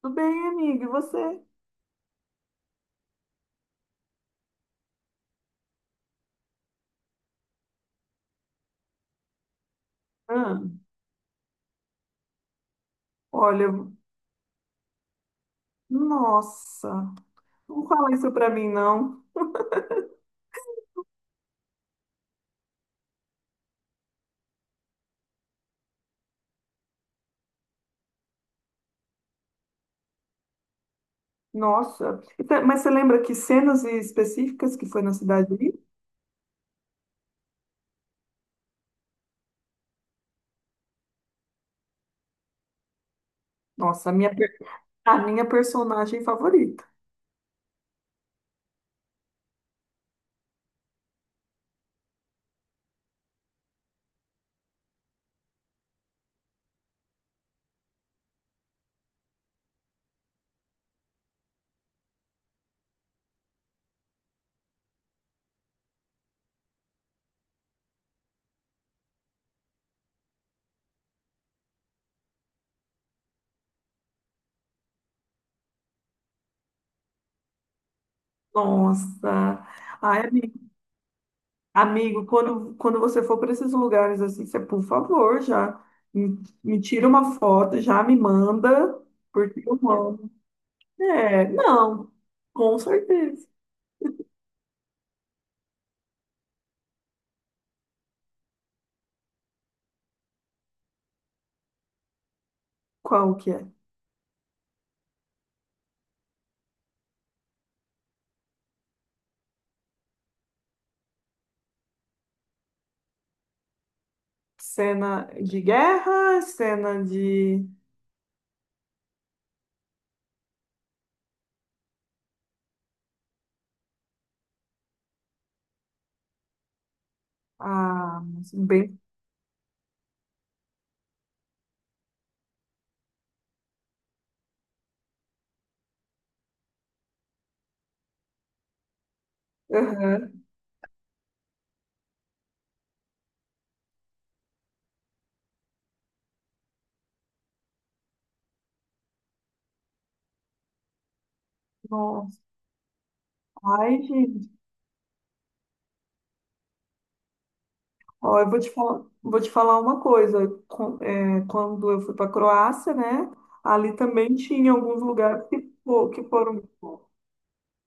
Tudo bem, amiga? E você? Ah, olha, nossa, não fala isso pra mim, não. Nossa, então, mas você lembra que cenas específicas que foi na Cidade Livre? Nossa, a minha, a minha personagem favorita. Nossa, ai, amigo, amigo, quando você for para esses lugares assim, você, por favor, já me, me tira uma foto, já me manda, porque eu amo. É, não, com certeza. Qual que é? Cena de guerra, cena de. Ah, um bem. Aham. Nossa. Ai, gente. Ó, eu vou te falar uma coisa. Quando eu fui para Croácia, né? Ali também tinha alguns lugares que, que foram.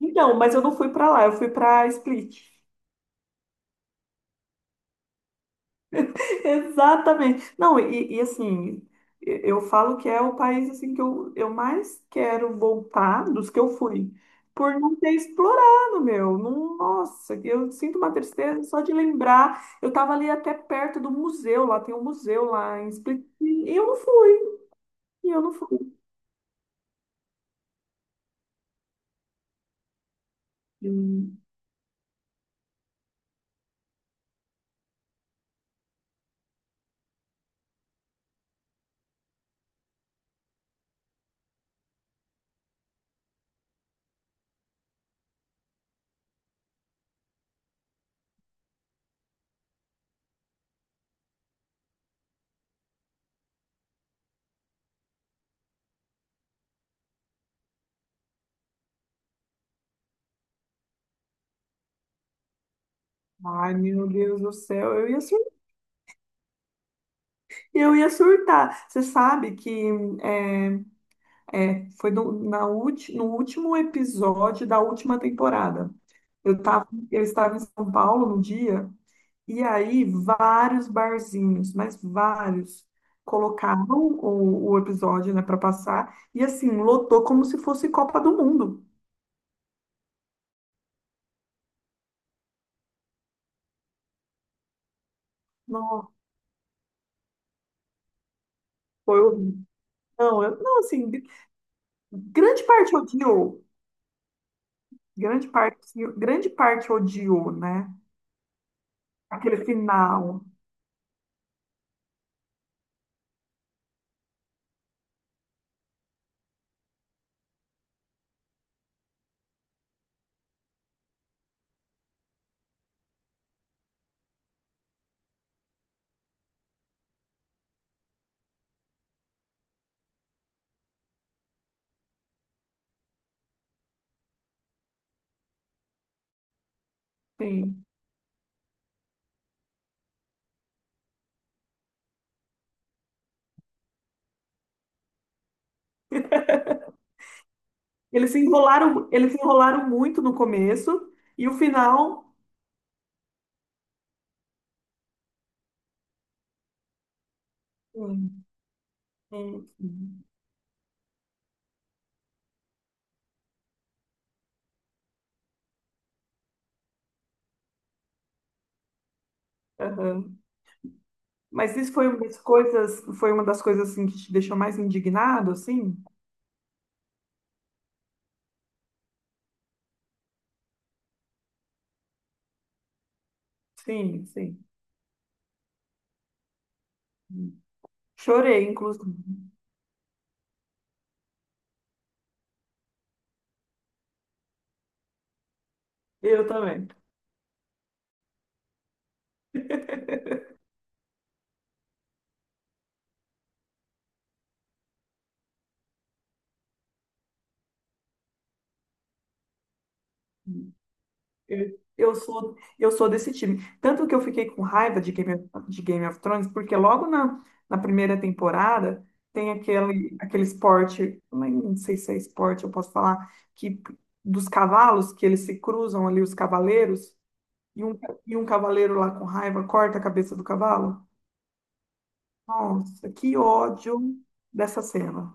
Então, mas eu não fui para lá, eu fui para Split. Exatamente. Não, e, assim, eu falo que é o país assim que eu mais quero voltar dos que eu fui, por não ter explorado, meu. Nossa, eu sinto uma tristeza só de lembrar. Eu estava ali até perto do museu, lá tem um museu lá em Split, e eu não fui, e eu não fui. Hum. Ai, meu Deus do céu, eu ia surtar. Eu ia surtar. Você sabe que eh, é, foi no, no último episódio da última temporada. Eu estava em São Paulo no dia, e aí vários barzinhos, mas vários, colocaram o episódio, né, para passar, e assim, lotou como se fosse Copa do Mundo. Nossa, foi horrível. Não, eu, não, assim, grande parte odiou, grande parte, grande parte odiou, né? Aquele final. Sim. Eles se enrolaram muito no começo e o final. Hum, hum, hum, aham. Mas isso foi uma das coisas, foi uma das coisas assim que te deixou mais indignado, assim? Sim, sim. Chorei, inclusive. Eu também. Eu sou, eu sou desse time. Tanto que eu fiquei com raiva de Game of Thrones, porque logo na, na primeira temporada tem aquele, aquele esporte, não sei se é esporte, eu posso falar, que dos cavalos, que eles se cruzam ali, os cavaleiros, e um, e um cavaleiro lá com raiva corta a cabeça do cavalo. Nossa, que ódio dessa cena.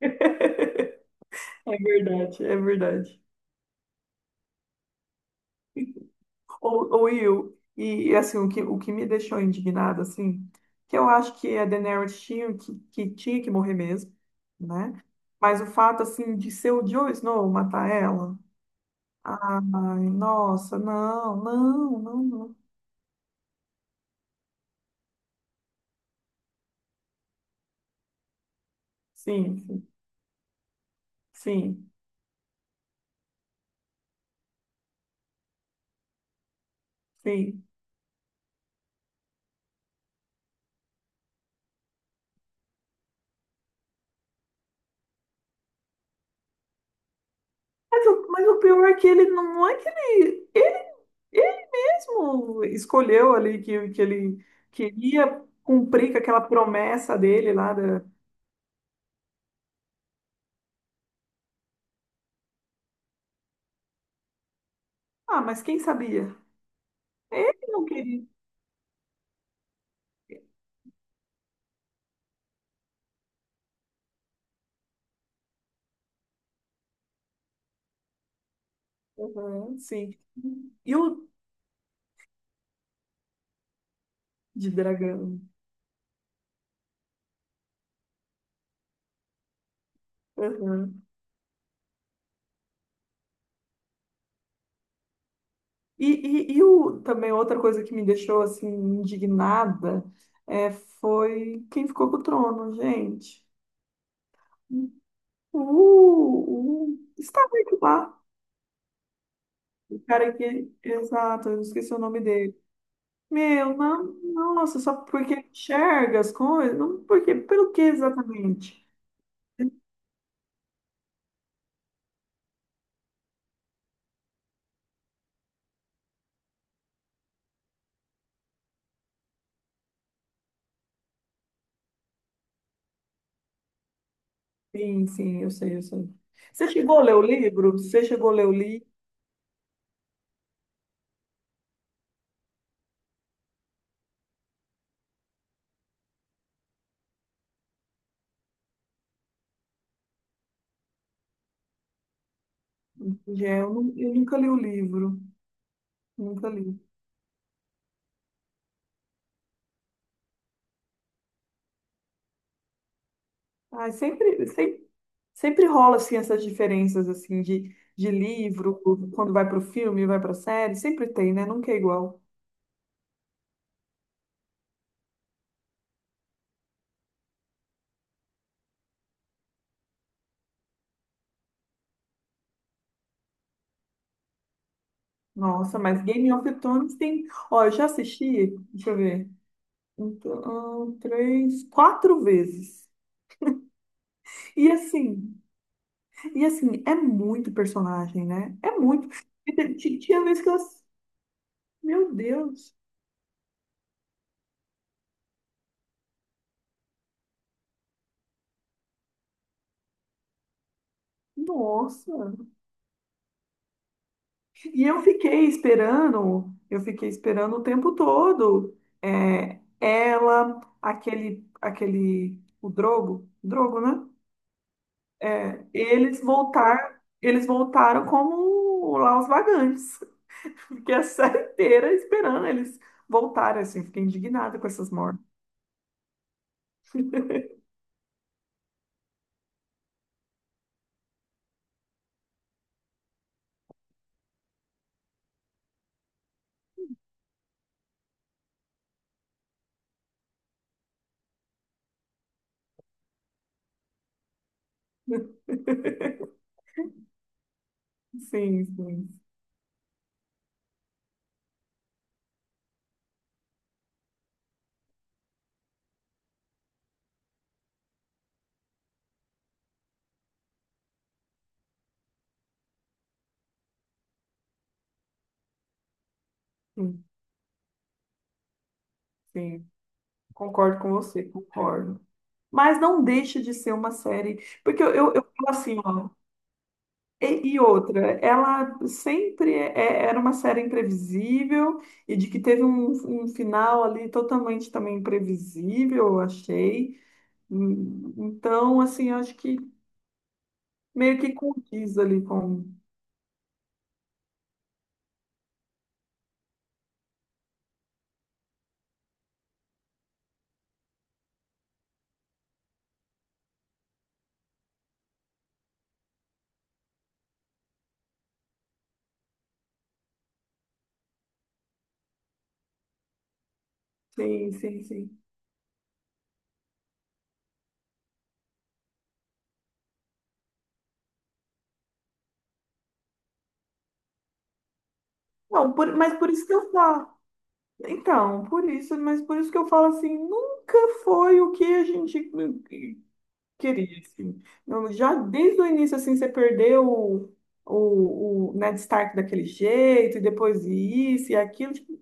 É verdade, é verdade. Ou Will, e assim, o que me deixou indignada, assim, que eu acho que a Daenerys tinha que tinha que morrer mesmo, né? Mas o fato, assim, de ser o Jon Snow matar ela, ai, nossa, não, não, não, não. Sim, sim, sim, sim. Mas o pior é que ele não, não é que ele mesmo escolheu ali que ele queria cumprir com aquela promessa dele lá da. Ah, mas quem sabia? Ele não queria. Aham, sim. E o de dragão. Aham. E, e o, também outra coisa que me deixou assim indignada é, foi quem ficou com o trono, gente. O Stark lá. O cara que. Exato, eu esqueci o nome dele. Meu, não, nossa, só porque enxerga as coisas? Não, porque, pelo que exatamente? Sim, sim, eu sei, eu sei. Você chegou a ler o livro? Você chegou a ler o livro? É, eu, eu nunca li o livro, nunca li. Ai, sempre, sempre, sempre rola assim essas diferenças assim de livro, quando vai para o filme, vai para a série, sempre tem, né? Nunca é igual. Nossa, mas Game of Thrones tem. Ó, eu já assisti, deixa eu ver, um, dois, três, quatro vezes. E assim, e assim, é muito personagem, né? É muito. E tinha vez que eu. Meu Deus, nossa. E eu fiquei esperando o tempo todo. É, ela, aquele, aquele, o Drogo, Drogo, né? É, eles voltar, eles voltaram como lá os vagantes. Fiquei a série inteira esperando eles voltarem, assim. Fiquei indignada com essas mortes. Sim, sim, sim, sim. Concordo com você, concordo. Mas não deixa de ser uma série, porque eu falo assim, ó. E outra, ela sempre é, era uma série imprevisível e de que teve um, um final ali totalmente também imprevisível, eu achei. Então, assim, eu acho que meio que condiz ali com. Sim, sim, sim. Não, mas por isso que eu falo. Então, por isso, mas por isso que eu falo assim, nunca foi o que a gente queria, assim. Eu já desde o início, assim, você perdeu o Ned Stark daquele jeito, e depois isso e aquilo. Tipo,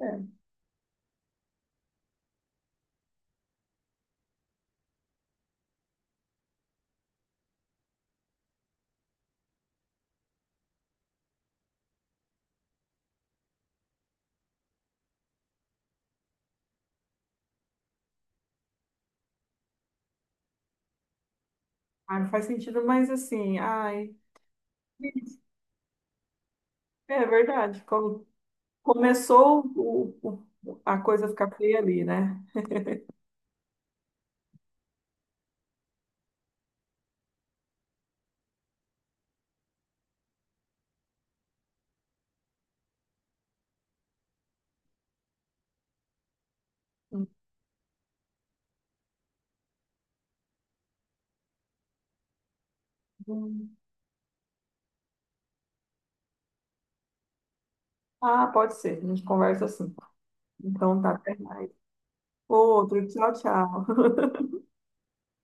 é, ah, não faz sentido, mas assim, ai, é verdade. Como começou o, a coisa ficar feia ali, né? Uhum. Ah, pode ser. A gente conversa assim. Então tá, até mais. Outro, tchau, tchau.